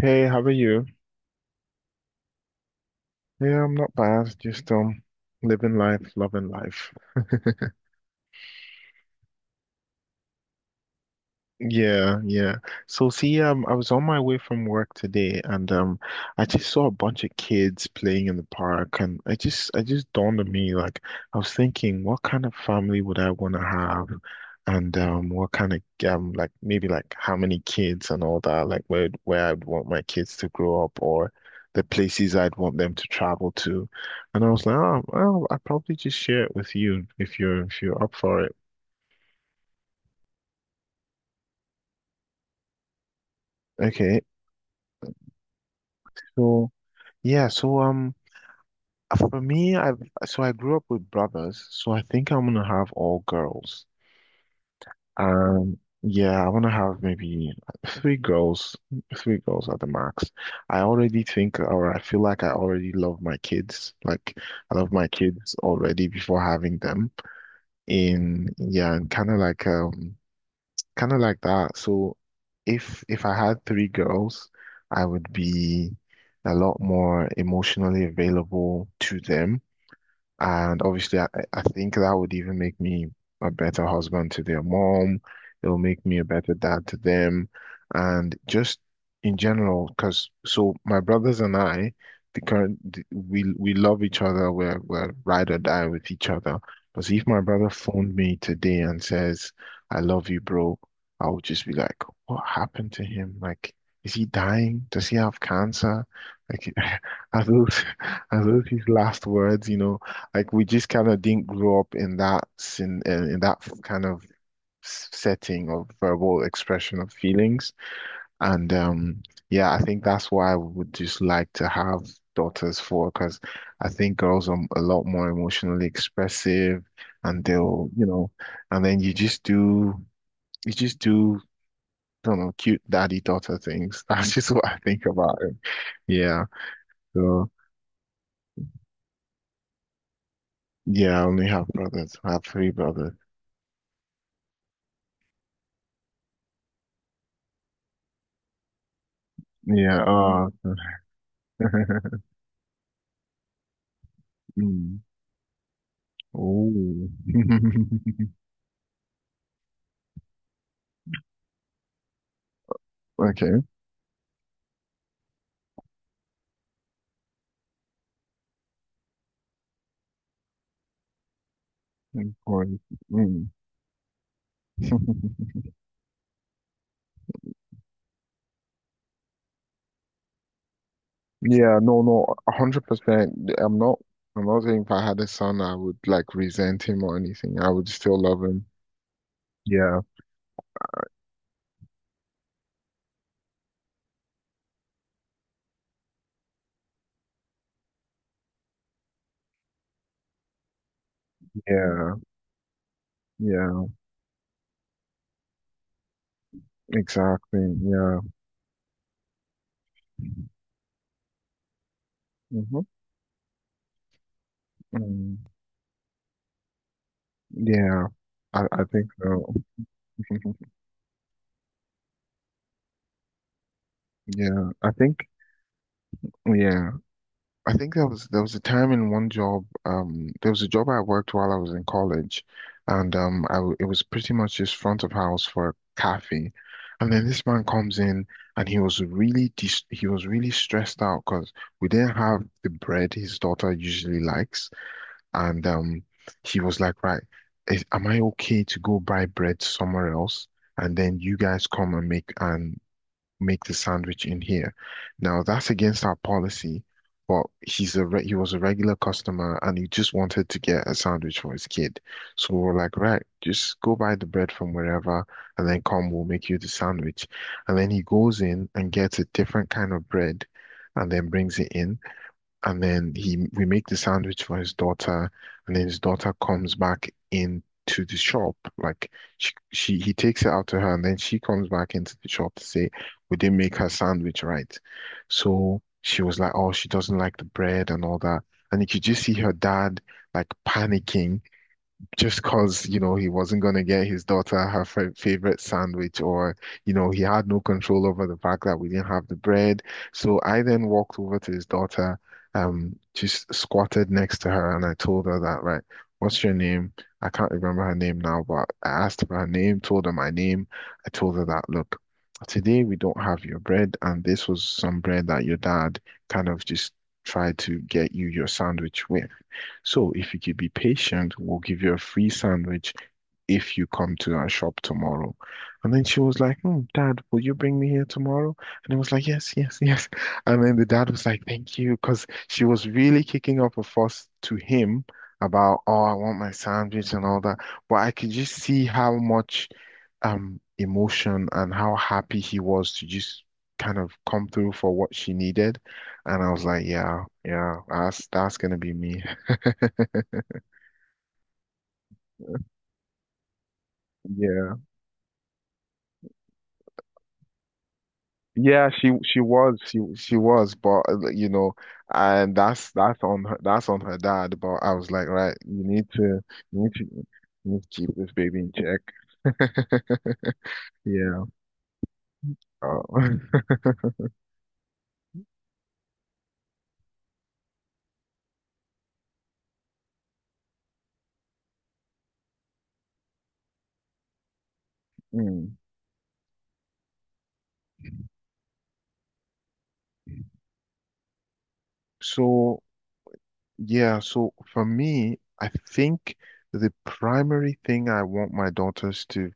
Hey, how are you? Yeah, I'm not bad. Just living life, loving life. Yeah, yeah. So see, I was on my way from work today and I just saw a bunch of kids playing in the park and I just dawned on me like I was thinking what kind of family would I want to have and what kind of like maybe like how many kids and all that like where I'd want my kids to grow up or the places I'd want them to travel to. And I was like, oh, well, I'd probably just share it with you if you're up for it. Okay. So yeah, For me, I so I grew up with brothers, so I think I'm gonna have all girls. Um, yeah, I wanna have maybe three girls, three girls at the max. I already think, or I feel like I already love my kids. Like I love my kids already before having them. In yeah, and kind of like that. So if I had three girls, I would be a lot more emotionally available to them. And obviously, I think that would even make me a better husband to their mom. It'll make me a better dad to them. And just in general, because so my brothers and I, we love each other. We're ride or die with each other. But see, if my brother phoned me today and says, "I love you, bro," I would just be like, "What happened to him? Like, is he dying? Does he have cancer? Like, are those?" Are those his last words? You know, like we just kind of didn't grow up in that in that kind of setting of verbal expression of feelings. And yeah, I think that's why I would just like to have daughters for, because I think girls are a lot more emotionally expressive, and they'll, you know, and then you just do. I don't know, cute daddy daughter things. That's just what I think about it. Yeah. So yeah, I only have brothers. I have three brothers. Yeah. Oh. Mm. Oh. Okay. Important. Mm. Yeah, no, no, 100%. I'm not saying if I had a son I would like resent him or anything. I would still love him. Yeah, yeah, yeah, exactly. Yeah. Hmm. Mm. Yeah. I think so. Yeah. I think, yeah. I think there was a time in one job, there was a job I worked while I was in college, and I w it was pretty much just front of house for a cafe, and then this man comes in and he was really stressed out because we didn't have the bread his daughter usually likes, and he was like, right, am I okay to go buy bread somewhere else, and then you guys come and make the sandwich in here. Now that's against our policy, but he was a regular customer and he just wanted to get a sandwich for his kid. So we're like, right, just go buy the bread from wherever and then come, we'll make you the sandwich. And then he goes in and gets a different kind of bread and then brings it in and then he we make the sandwich for his daughter, and then his daughter comes back into the shop. Like she he takes it out to her, and then she comes back into the shop to say we didn't make her sandwich right. So she was like, oh, she doesn't like the bread and all that, and you could just see her dad like panicking just because, you know, he wasn't going to get his daughter her favorite sandwich, or, you know, he had no control over the fact that we didn't have the bread. So I then walked over to his daughter, just squatted next to her, and I told her that, right, what's your name? I can't remember her name now, but I asked for her name, told her my name. I told her that, look, today we don't have your bread, and this was some bread that your dad kind of just tried to get you your sandwich with. So if you could be patient, we'll give you a free sandwich if you come to our shop tomorrow. And then she was like, hmm, Dad, will you bring me here tomorrow? And I was like, yes, yes, yes. And then the dad was like, thank you, because she was really kicking up a fuss to him about, oh, I want my sandwich and all that. But I could just see how much emotion and how happy he was to just kind of come through for what she needed. And I was like, yeah, yeah, that's gonna be me. Yeah. Yeah, she was, but like, you know, and that's on her dad. But I was like, right, you need to you need to you need to keep this baby in check. Yeah. Uh, mm. So yeah, so for me, I think the primary thing I want my daughters to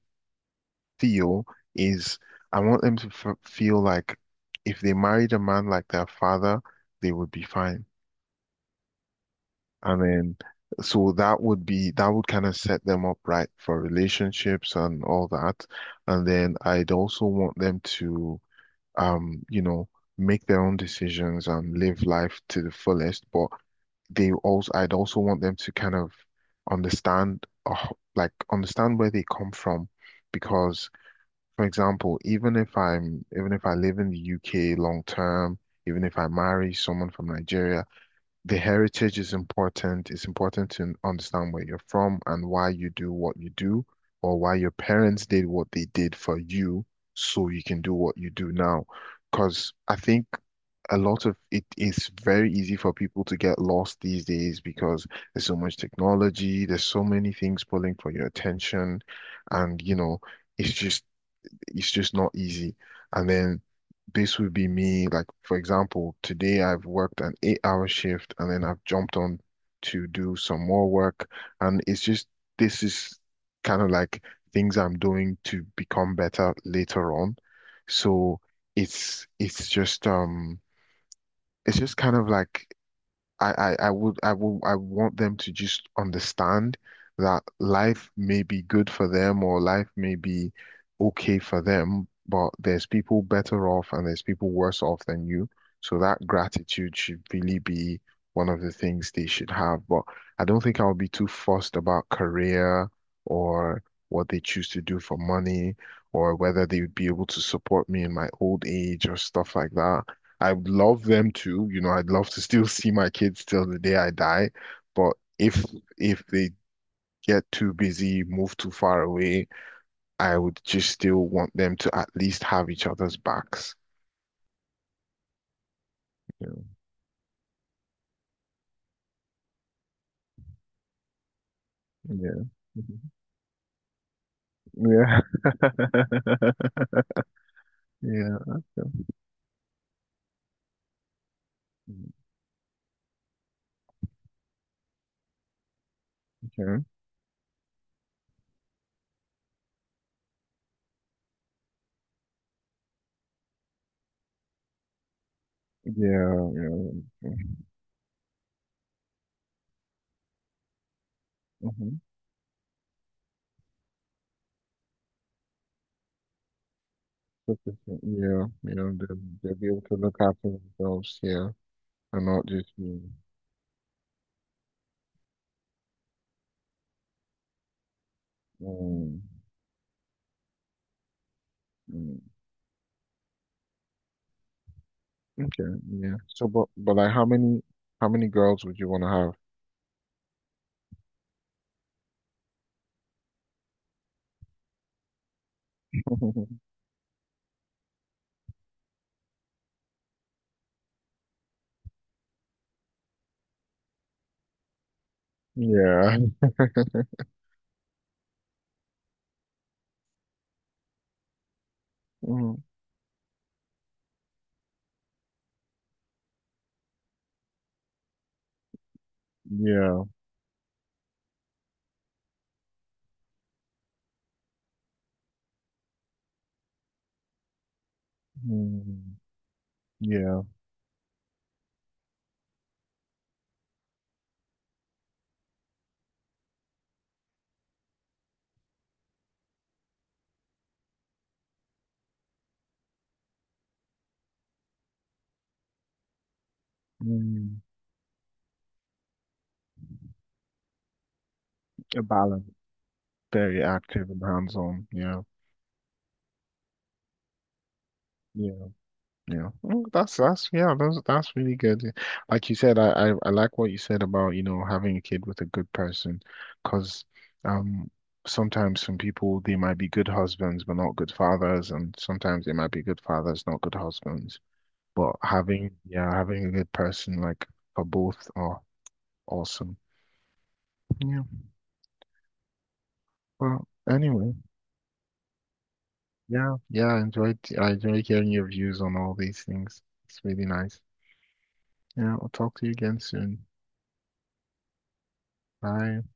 feel is I want them to f feel like if they married a man like their father, they would be fine. And then, so that would kind of set them up right for relationships and all that. And then I'd also want them to, um, you know, make their own decisions and live life to the fullest. But I'd also want them to kind of understand, uh, understand where they come from. Because, for example, even if I live in the UK long term, even if I marry someone from Nigeria, the heritage is important. It's important to understand where you're from and why you do what you do, or why your parents did what they did for you, so you can do what you do now. Because I think a lot of it is very easy for people to get lost these days because there's so much technology, there's so many things pulling for your attention, and it's just it's just not easy. And then this would be me, like for example, today I've worked an 8-hour shift and then I've jumped on to do some more work. And it's just this is kind of like things I'm doing to become better later on. So it's it's just um it's just kind of like I would I will I want them to just understand that life may be good for them or life may be okay for them, but there's people better off and there's people worse off than you. So that gratitude should really be one of the things they should have. But I don't think I'll be too fussed about career or what they choose to do for money or whether they would be able to support me in my old age or stuff like that. I would love them to, you know, I'd love to still see my kids till the day I die. But if if they get too busy, move too far away, I would just still want them to at least have each other's backs. Yeah. Yeah. Yeah. Yeah. Okay. Okay. Yeah. Yeah. Mm-hmm. Yeah. You know, they'll be able to look after themselves. Yeah. And not just me. Mm. Mm. Okay, yeah. So, but like, how many girls would you want to have? Yeah. Mm, yeah. Mm, yeah. Mm, a balance. Very active and hands-on. Yeah. Yeah. Yeah. Mm, that's yeah. That's really good. Like you said, I like what you said about having a kid with a good person, because um sometimes some people they might be good husbands but not good fathers, and sometimes they might be good fathers not good husbands. But yeah, having a good person like for both are awesome. Yeah. Well, anyway, yeah, yeah, I enjoyed hearing your views on all these things. It's really nice. Yeah, I'll talk to you again soon. Bye.